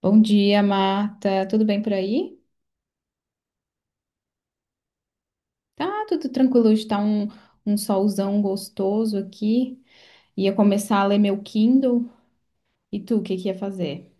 Bom dia, Marta. Tudo bem por aí? Tá tudo tranquilo. Hoje tá um solzão gostoso aqui. Ia começar a ler meu Kindle. E tu, o que que ia fazer?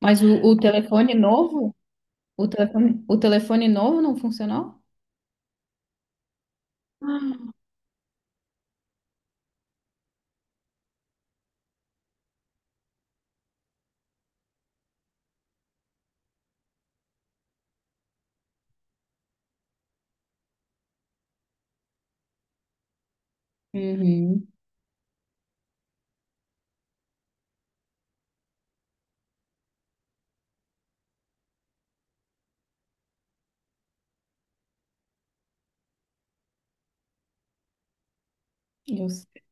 Mas o telefone novo? O telefone novo não funcionou? Ah. Uhum. Eu sei.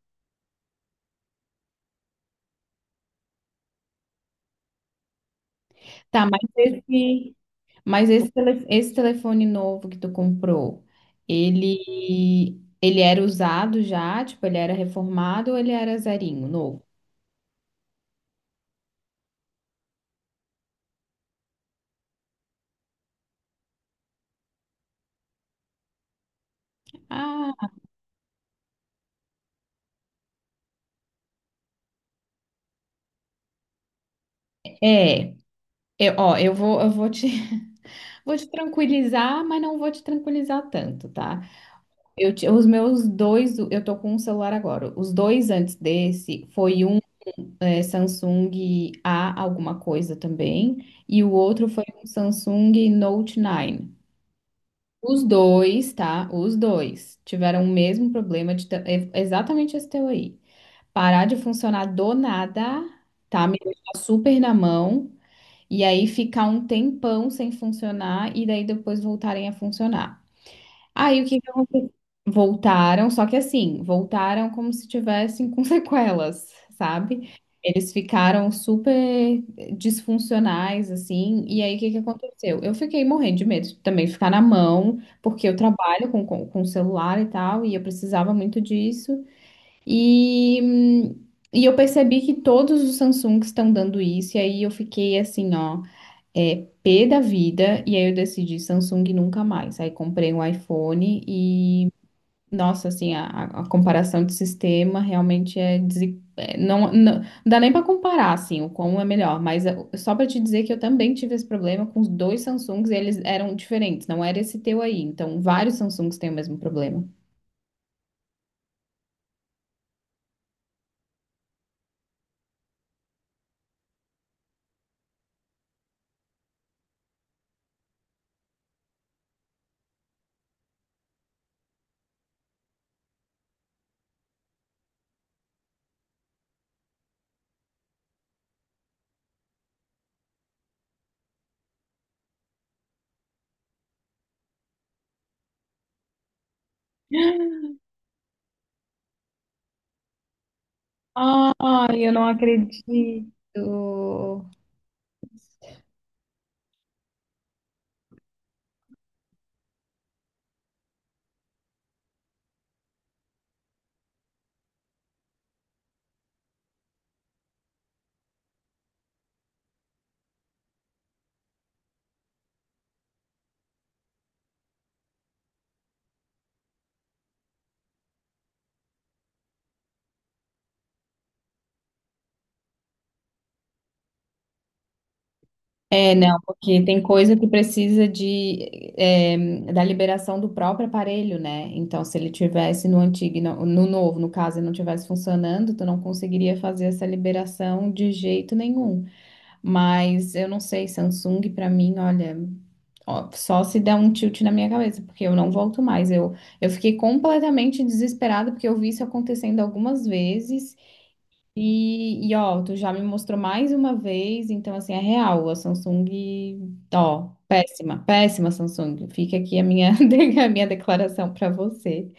Tá, esse telefone novo que tu comprou, ele era usado já? Tipo, ele era reformado ou ele era zerinho, novo? Ah, é. Ó, vou te tranquilizar, mas não vou te tranquilizar tanto, tá? Os meus dois, eu tô com um celular agora. Os dois antes desse foi um Samsung A alguma coisa também, e o outro foi um Samsung Note 9. Os dois, tá? Os dois tiveram o mesmo problema de é exatamente esse teu aí. Parar de funcionar do nada, tá? Me deixar super na mão. E aí ficar um tempão sem funcionar e daí depois voltarem a funcionar. Aí o que que aconteceu? Voltaram, só que assim, voltaram como se tivessem com sequelas, sabe? Eles ficaram super disfuncionais, assim, e aí o que que aconteceu? Eu fiquei morrendo de medo de também ficar na mão, porque eu trabalho com celular e tal, e eu precisava muito disso. E, hum, e eu percebi que todos os Samsungs estão dando isso, e aí eu fiquei assim, ó. É P da vida, e aí eu decidi Samsung nunca mais. Aí comprei um iPhone e, nossa, assim, a comparação de sistema realmente não, não, não dá nem para comparar, assim, o qual é melhor, mas só para te dizer que eu também tive esse problema com os dois Samsungs e eles eram diferentes, não era esse teu aí. Então, vários Samsungs têm o mesmo problema. Ai, eu não acredito. É, não, porque tem coisa que precisa de, da liberação do próprio aparelho, né? Então, se ele tivesse no antigo, e no novo, no caso, ele não tivesse funcionando, tu não conseguiria fazer essa liberação de jeito nenhum. Mas eu não sei, Samsung, pra mim, olha, ó, só se der um tilt na minha cabeça, porque eu não volto mais. Eu fiquei completamente desesperada porque eu vi isso acontecendo algumas vezes. E, ó, tu já me mostrou mais uma vez, então assim, é real, a Samsung, ó, péssima, péssima Samsung. Fica aqui a minha, a minha declaração para você.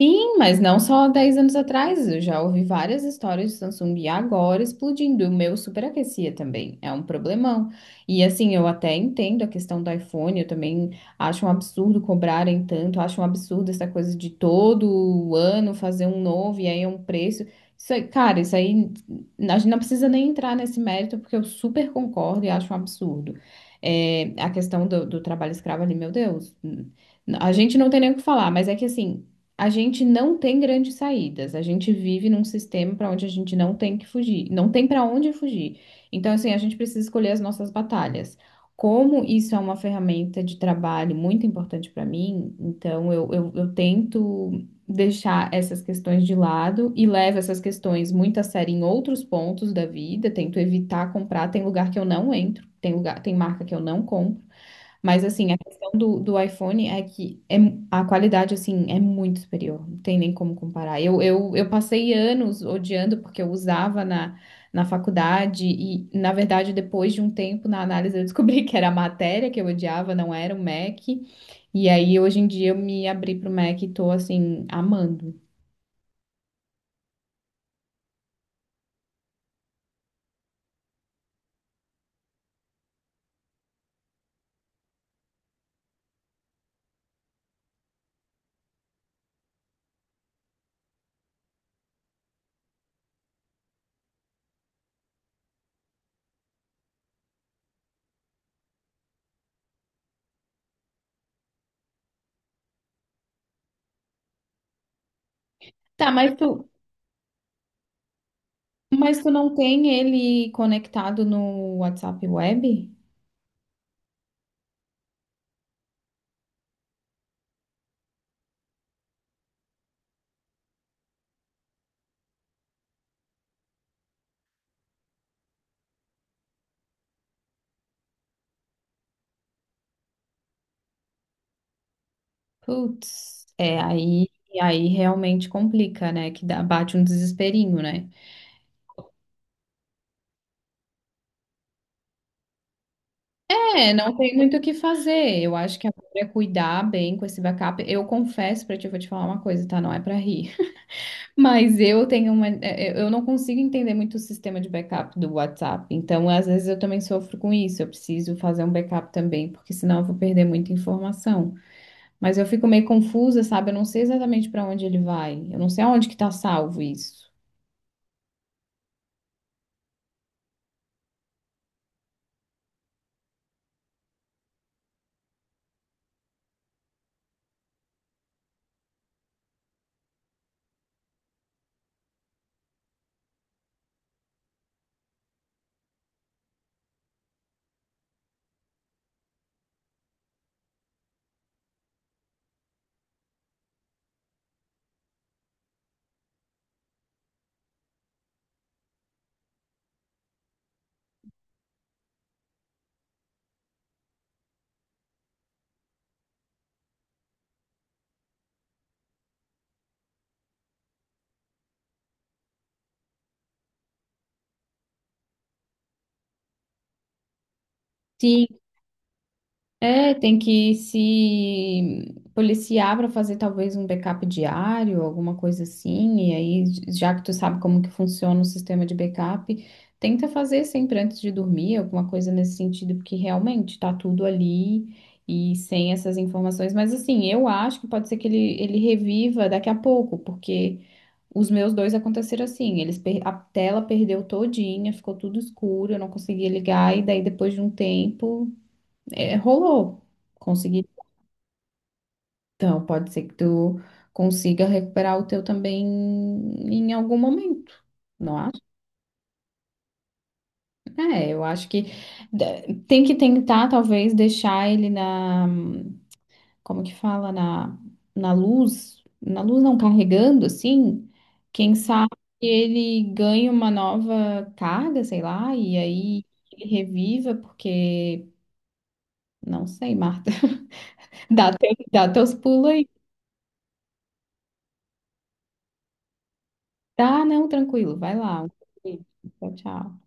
Sim, mas não só 10 anos atrás, eu já ouvi várias histórias de Samsung e agora explodindo. O meu superaquecia também, é um problemão. E assim, eu até entendo a questão do iPhone, eu também acho um absurdo cobrarem tanto, acho um absurdo essa coisa de todo ano fazer um novo e aí é um preço. Isso aí, cara, isso aí a gente não precisa nem entrar nesse mérito, porque eu super concordo e acho um absurdo. É, a questão do trabalho escravo ali, meu Deus. A gente não tem nem o que falar, mas é que assim, a gente não tem grandes saídas. A gente vive num sistema para onde a gente não tem que fugir, não tem para onde fugir. Então, assim, a gente precisa escolher as nossas batalhas. Como isso é uma ferramenta de trabalho muito importante para mim, então eu tento deixar essas questões de lado e levo essas questões muito a sério em outros pontos da vida, tento evitar comprar. Tem lugar que eu não entro, tem lugar, tem marca que eu não compro. Mas assim, a questão do iPhone é que é, a qualidade assim é muito superior, não tem nem como comparar. Eu passei anos odiando porque eu usava na faculdade e, na verdade, depois de um tempo na análise eu descobri que era a matéria que eu odiava, não era o Mac. E aí hoje em dia eu me abri pro Mac e tô assim amando. Tá, mas tu não tem ele conectado no WhatsApp Web? Putz, aí, realmente complica, né? Bate um desesperinho, né? É, não tem muito o que fazer. Eu acho que agora é cuidar bem com esse backup. Eu confesso pra ti, eu vou te falar uma coisa, tá? Não é pra rir. Mas eu tenho uma. Eu não consigo entender muito o sistema de backup do WhatsApp. Então, às vezes, eu também sofro com isso. Eu preciso fazer um backup também, porque senão eu vou perder muita informação. Mas eu fico meio confusa, sabe? Eu não sei exatamente pra onde ele vai. Eu não sei aonde que tá salvo isso. Sim. É, tem que se policiar para fazer talvez um backup diário, alguma coisa assim. E aí, já que tu sabe como que funciona o sistema de backup, tenta fazer sempre antes de dormir, alguma coisa nesse sentido, porque realmente tá tudo ali e sem essas informações. Mas assim, eu acho que pode ser que ele reviva daqui a pouco, porque os meus dois aconteceram assim. Eles a tela perdeu todinha, ficou tudo escuro, eu não conseguia ligar, e daí depois de um tempo. É, rolou. Consegui. Então, pode ser que tu consiga recuperar o teu também em algum momento, não acho? É, eu acho que tem que tentar, talvez, deixar ele na, como que fala, na, luz, na luz não carregando, assim, quem sabe ele ganhe uma nova carga, sei lá, e aí ele reviva, porque, não sei, Marta, dá teus pulos aí. Tá, não, tranquilo, vai lá. Tchau, tchau.